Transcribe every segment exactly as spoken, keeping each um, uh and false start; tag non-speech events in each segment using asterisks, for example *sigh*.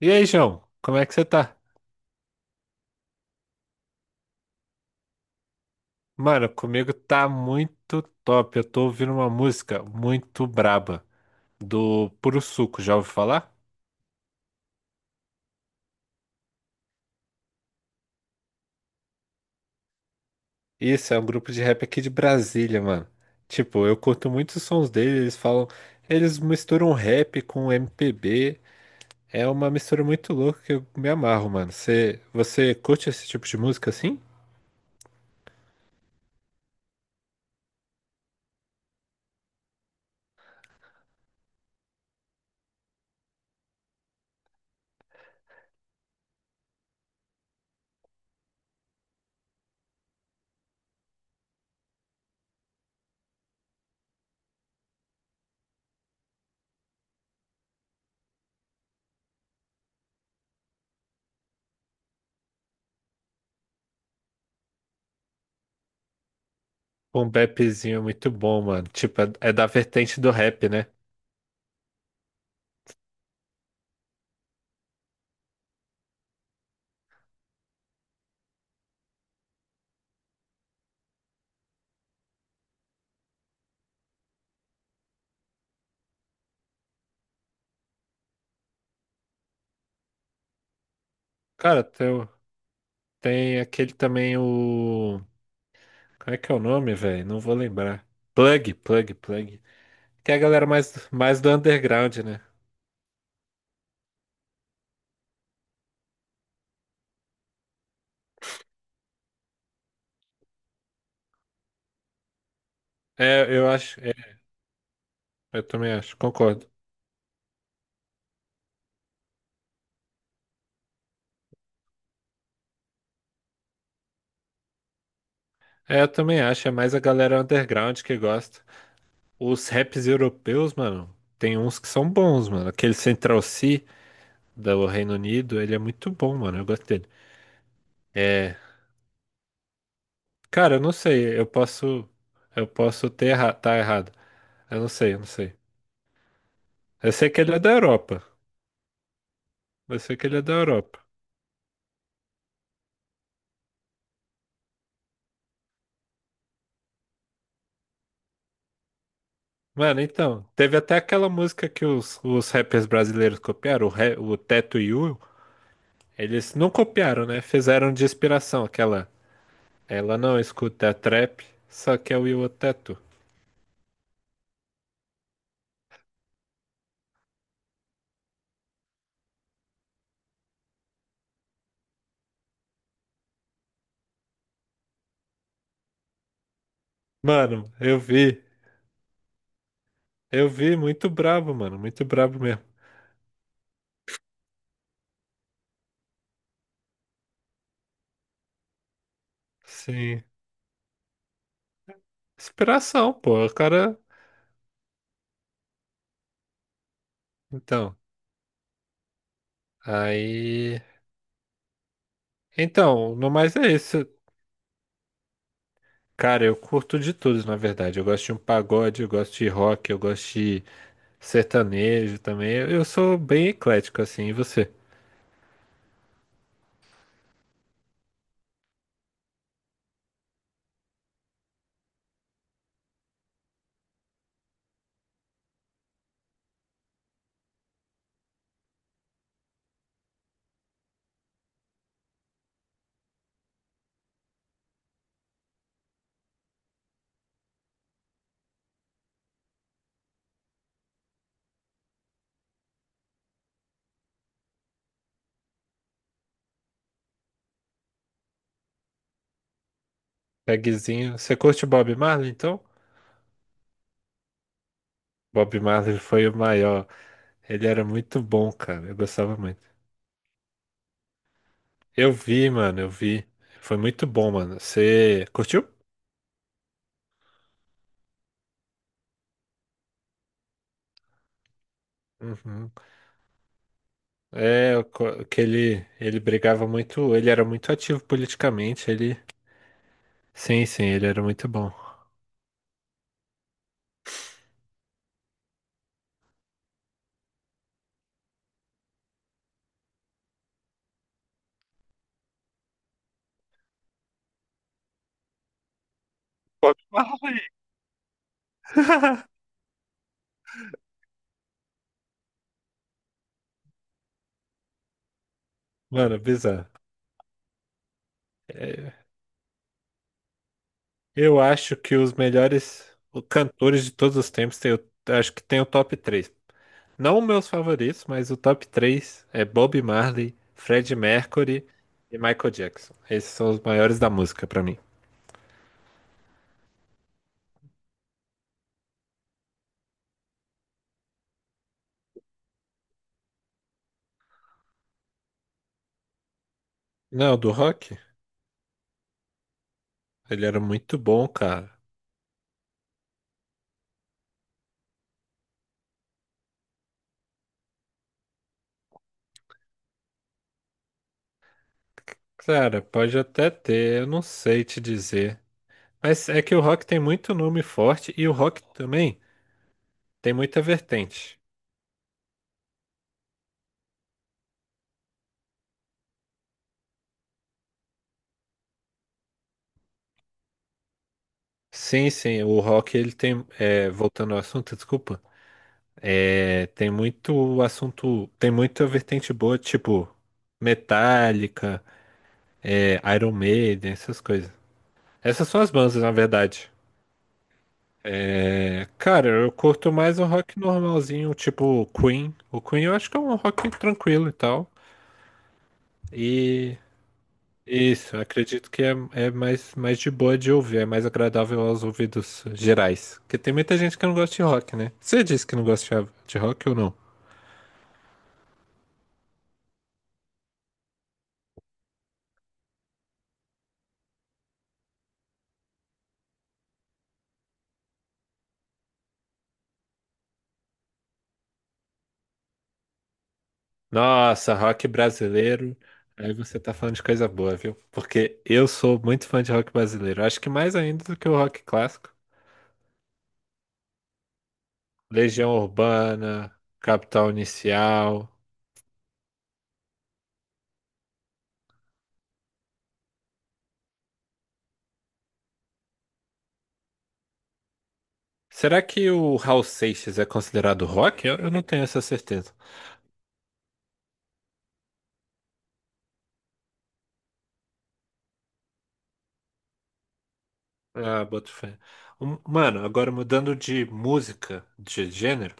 E aí, João, como é que você tá? Mano, comigo tá muito top. Eu tô ouvindo uma música muito braba do Puro Suco, já ouviu falar? Isso, é um grupo de rap aqui de Brasília, mano. Tipo, eu curto muito os sons deles, eles falam, eles misturam rap com M P B. É uma mistura muito louca que eu me amarro, mano. Você, você curte esse tipo de música assim? Um bapzinho é muito bom, mano. Tipo, é, é da vertente do rap, né? Cara, tem, o- tem aquele também o... Como é que é o nome, velho? Não vou lembrar. Plug, Plug, Plug. Que é a galera mais, mais do underground, né? É, eu acho. É, eu também acho, concordo. É, eu também acho. É mais a galera underground que gosta. Os raps europeus, mano, tem uns que são bons, mano. Aquele Central C do Reino Unido, ele é muito bom, mano. Eu gosto dele. É. Cara, eu não sei. Eu posso. Eu posso ter erra- tá errado. Eu não sei, eu não sei. Eu sei que ele é da Europa. Eu sei que ele é da Europa. Mano, então, teve até aquela música que os, os rappers brasileiros copiaram, o, Re- o Teto e o, eles não copiaram, né? Fizeram de inspiração aquela. Ela não escuta trap, só que é o Will o Teto. Mano, eu vi, eu vi, muito brabo, mano, muito brabo mesmo. Sim, inspiração, pô, o cara. Então, aí. Então, no mais é isso. Cara, eu curto de tudo, na verdade. Eu gosto de um pagode, eu gosto de rock, eu gosto de... sertanejo também. Eu eu sou bem eclético, assim. E você? Pegzinho. Você curte Bob Marley, então? Bob Marley foi o maior. Ele era muito bom, cara. Eu gostava muito. Eu vi, mano, eu vi. Foi muito bom, mano. Você curtiu? Uhum. É, eu co- que ele, ele brigava muito. Ele era muito ativo politicamente. Ele. Sim, sim, ele era muito bom. Mano, bizarro. É, eu acho que os melhores o- cantores de todos os tempos tem o, acho que tem o top três. Não meus favoritos, mas o top três é Bob Marley, Freddie Mercury e Michael Jackson. Esses são os maiores da música pra mim. Não, do rock, ele era muito bom, cara. Cara, pode até ter, eu não sei te dizer. Mas é que o rock tem muito nome forte e o rock também tem muita vertente. Sim, sim, o rock ele tem, é, voltando ao assunto, desculpa, é, tem muito assunto, tem muita vertente boa, tipo Metallica, é, Iron Maiden, essas coisas. Essas são as bandas, na verdade. É, cara, eu curto mais o rock normalzinho, tipo Queen. O Queen eu acho que é um rock tranquilo e tal. E isso, eu acredito que é, é mais, mais de boa de ouvir, é mais agradável aos ouvidos gerais. Porque tem muita gente que não gosta de rock, né? Você disse que não gosta de- de rock ou não? Nossa, rock brasileiro. Aí você tá falando de coisa boa, viu? Porque eu sou muito fã de rock brasileiro. Acho que mais ainda do que o rock clássico. Legião Urbana, Capital Inicial. Será que o Raul Seixas é considerado rock? Eu, eu não tenho essa certeza. Ah, boto fé. Um- Mano, agora mudando de música, de gênero,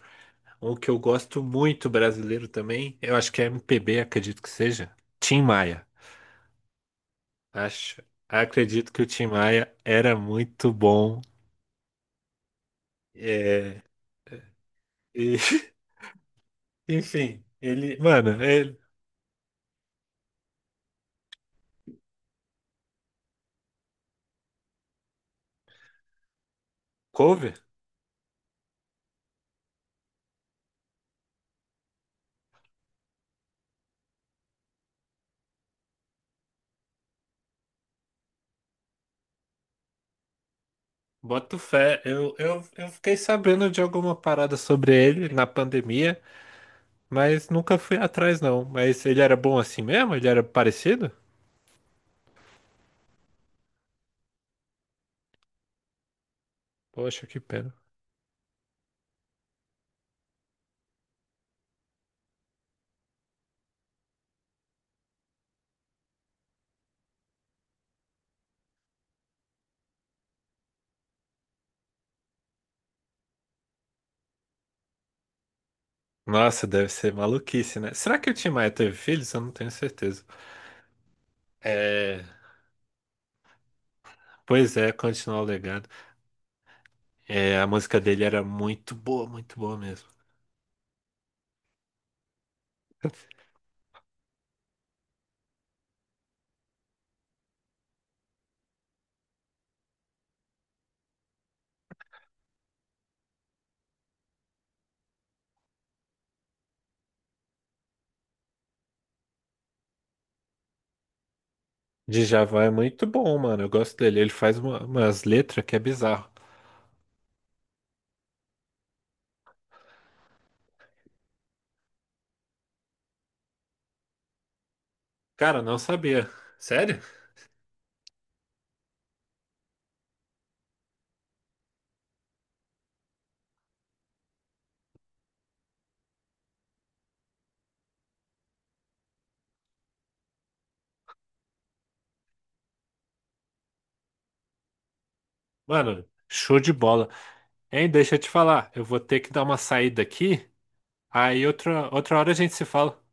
um que eu gosto muito brasileiro também, eu acho que é M P B, acredito que seja. Tim Maia. Acho, acredito que o Tim Maia era muito bom. É, e, *laughs* enfim, ele, mano, ele, cover? Boto fé, eu, eu, eu fiquei sabendo de alguma parada sobre ele na pandemia, mas nunca fui atrás não. Mas ele era bom assim mesmo? Ele era parecido? Poxa, que pena. Nossa, deve ser maluquice, né? Será que o Tim Maia teve filhos? Eu não tenho certeza. É, pois é, continuar o legado. É, a música dele era muito boa, muito boa mesmo. *laughs* Djavan é muito bom, mano. Eu gosto dele. Ele faz uma- umas letras que é bizarro. Cara, não sabia. Sério? Mano, show de bola. Hein, deixa eu te falar, eu vou ter que dar uma saída aqui, aí outra, outra hora a gente se fala.